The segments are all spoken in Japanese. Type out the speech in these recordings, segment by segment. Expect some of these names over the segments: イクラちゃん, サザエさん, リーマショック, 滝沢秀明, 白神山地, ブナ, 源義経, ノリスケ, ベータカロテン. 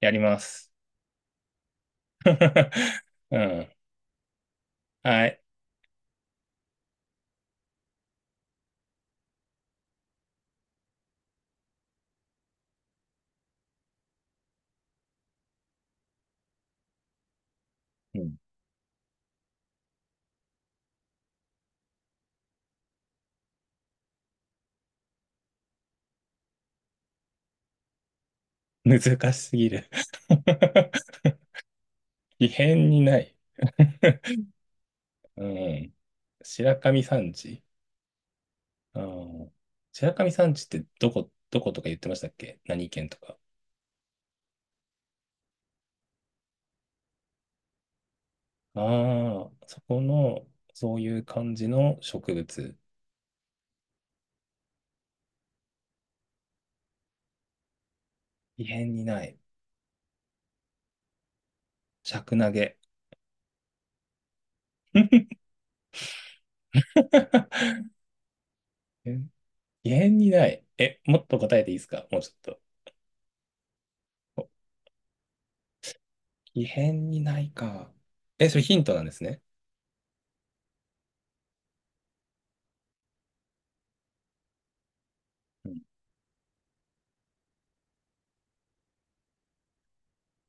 やります。うん。はい。うん、難しすぎる。 異変にない。うん。白神山地。うん。白神山地ってどこ、どことか言ってましたっけ？何県とか。ああ、そこの、そういう感じの植物。異変にない。尺投げ。 え、異変にない。え、もっと答えていいですか？もうちょっと。お、異変にないか。え、それヒントなんですね。うん、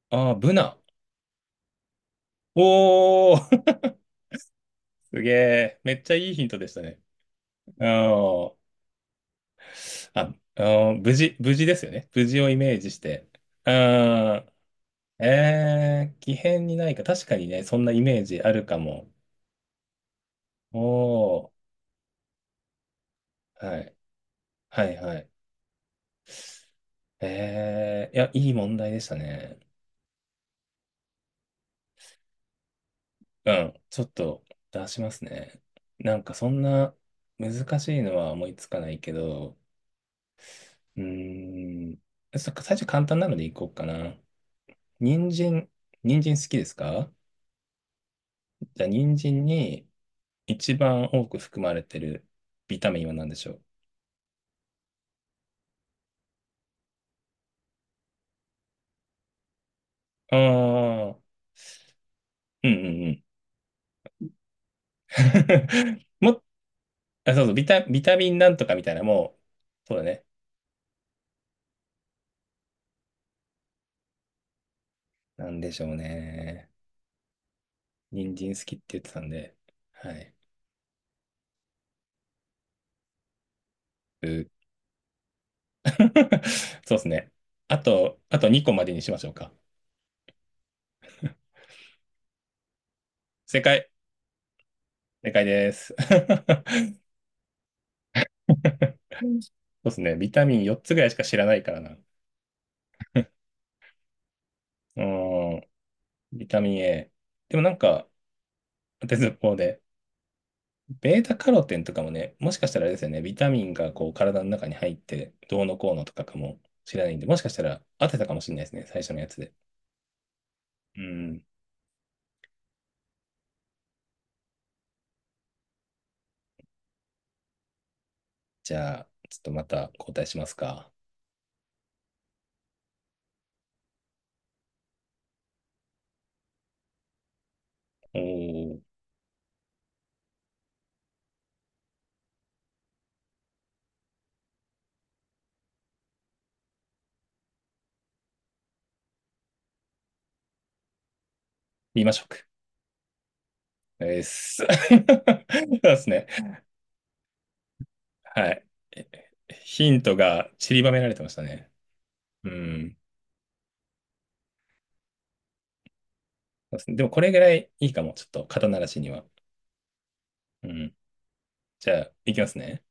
ああ、ブナ。おー。 すげえ。めっちゃいいヒントでしたね。うん。あ、うん、無事、無事ですよね。無事をイメージして。うん。えー、奇変にないか。確かにね、そんなイメージあるかも。おー。はい。はいはい。えー、いや、いい問題でしたね。うん。ちょっと出しますね。なんかそんな難しいのは思いつかないけど、うーん。そっか、最初簡単なのでいこうかな。人参、人参好きですか？じゃあ、人参に一番多く含まれてるビタミンは何でしょう？ああー、うんうんうん。も、あ、そうそう、ビタミンなんとかみたいな、もう、そうだね。なんでしょうね。人参好きって言ってたんで、はい。う。 そうですね。あと2個までにしましょうか。正解。正解です。そうですね。ビタミン4つぐらいしか知らないからな。うん。ビタミン A。でもなんか、鉄方で、ベータカロテンとかもね、もしかしたらあれですよね、ビタミンがこう体の中に入って、どうのこうのとかかもしれないんで、もしかしたら当てたかもしれないですね、最初のやつで。うん。じゃあ、ちょっとまた交代しますか。おー、リーマショック。です。そうですね。はい。え、ヒントが散りばめられてましたね。うん。そうですね。でもこれぐらいいいかも、ちょっと肩慣らしには。うん。じゃあ、いきますね。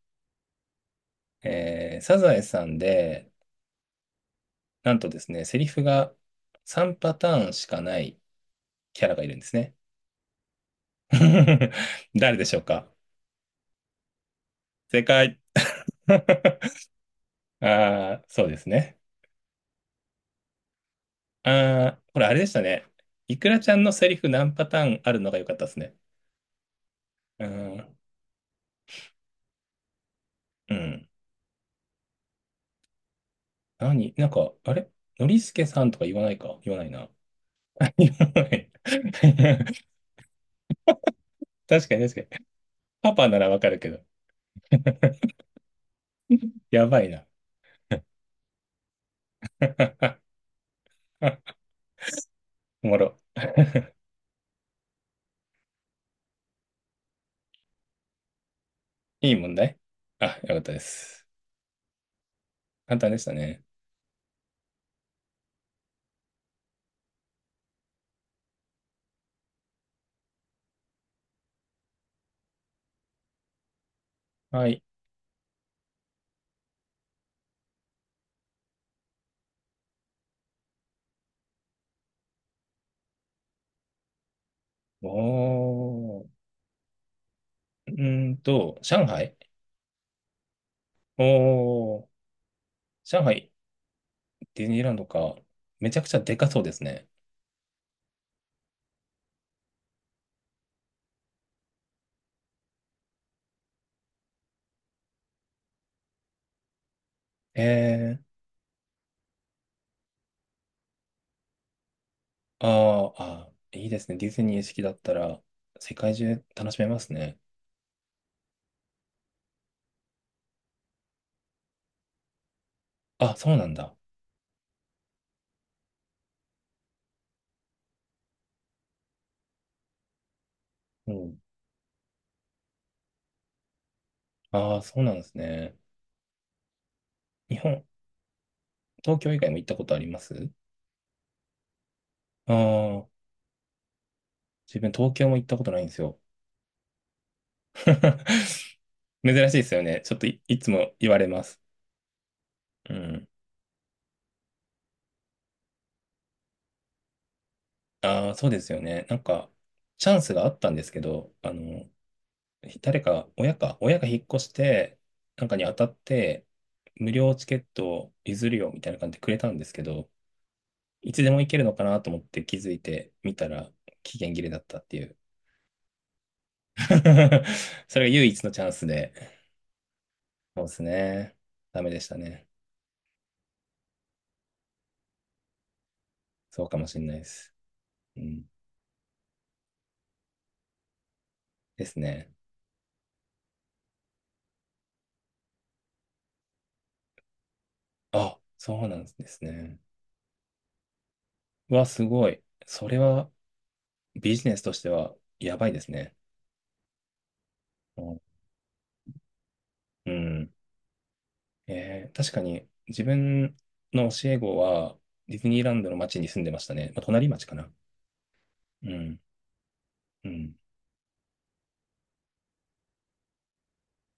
えー、サザエさんで、なんとですね、セリフが3パターンしかないキャラがいるんですね。誰でしょうか？正解。ああ、そうですね。ああ、これあれでしたね。イクラちゃんのセリフ何パターンあるのが良かったですね。うん。うん。何、なんか、あれ、ノリスケさんとか言わないか、言わないな。言わない。確かに確かに。パパならわかるけど。やばいな。おもろ。いい問題、あ、よかったです。簡単でしたね。はい。おー。うーんと、上海。おー。上海、ディズニーランドか。めちゃくちゃでかそうですね。えー。あー、あー、いいですね。ディズニー好きだったら、世界中楽しめますね。あ、そうなんだ。うん。ああ、そうなんですね。日本、東京以外も行ったことあります？ああー、自分東京も行ったことないんですよ。珍しいですよね。ちょっといつも言われます。うん。ああ、そうですよね。なんか、チャンスがあったんですけど、あの、誰か、親か、親が引っ越して、なんかに当たって、無料チケットを譲るよみたいな感じでくれたんですけど、いつでも行けるのかなと思って気づいてみたら、期限切れだったっていう。それが唯一のチャンスで、そうですね。ダメでしたね。そうかもしれないです。うん。ですね。あ、そうなんですね。うわ、すごい。それはビジネスとしてはやばいですね。うん。うん、えー、確かに自分の教え子はディズニーランドの町に住んでましたね。まあ、隣町かな。うん。うん。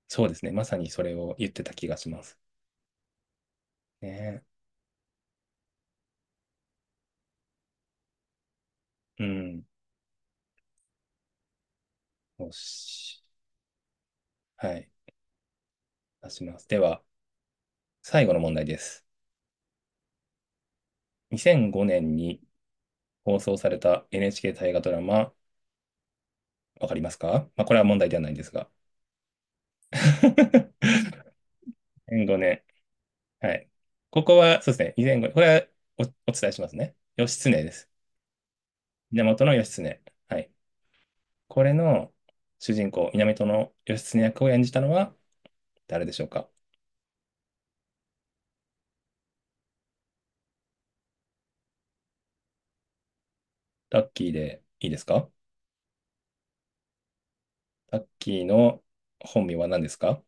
そうですね。まさにそれを言ってた気がします。ね。うん。よし。はい。出します。では、最後の問題です。2005年に放送された NHK 大河ドラマ、わかりますか？まあ、これは問題ではないんですが。2005年、はい。ここは、そうですね。以前ご、これはお、お伝えしますね。義経です。源義経。はい。これの主人公、源義経役を演じたのは誰でしょうか？タッキーでいいですか？タッキーの本名は何ですか？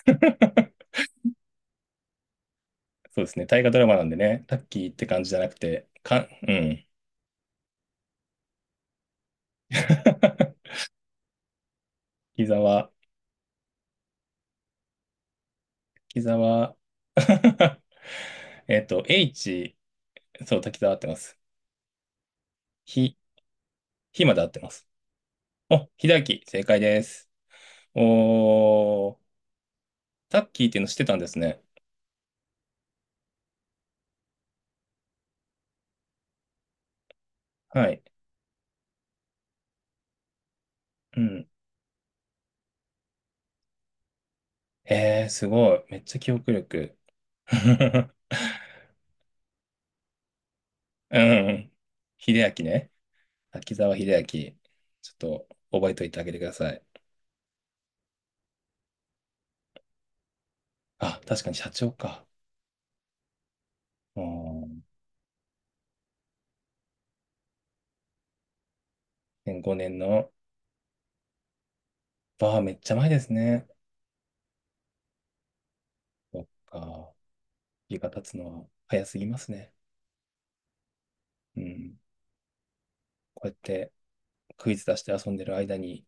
そうですね。大河ドラマなんでね、タッキーって感じじゃなくて、かん、うん。木沢、木沢。 えっと、H、そう、滝沢合ってます。ひ、ひまで合ってます。お、ひだき、正解です。おー、タッキーっていうの知ってたんですね。はい。うん。えー、すごい。めっちゃ記憶力。うん。秀明ね。滝沢秀明。ちょっと覚えておいてあげてください。あ、確かに社長か。うん。5年のバーめっちゃ前ですね。そっか。日が経つのは早すぎますね。うん。こうやってクイズ出して遊んでる間に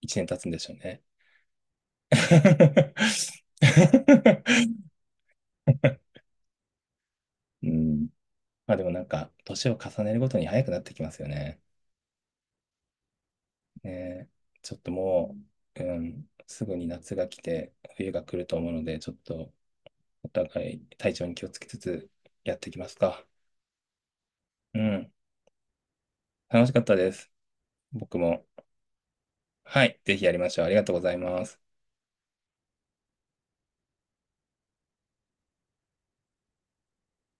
1年経つんでしょうね。うん。まあでもなんか、年を重ねるごとに早くなってきますよね。ねえ、ちょっともう、すぐに夏が来て、冬が来ると思うので、ちょっとお互い体調に気をつけつつやっていきますか。うん。楽しかったです。僕も。はい。ぜひやりましょう。ありがとうございます。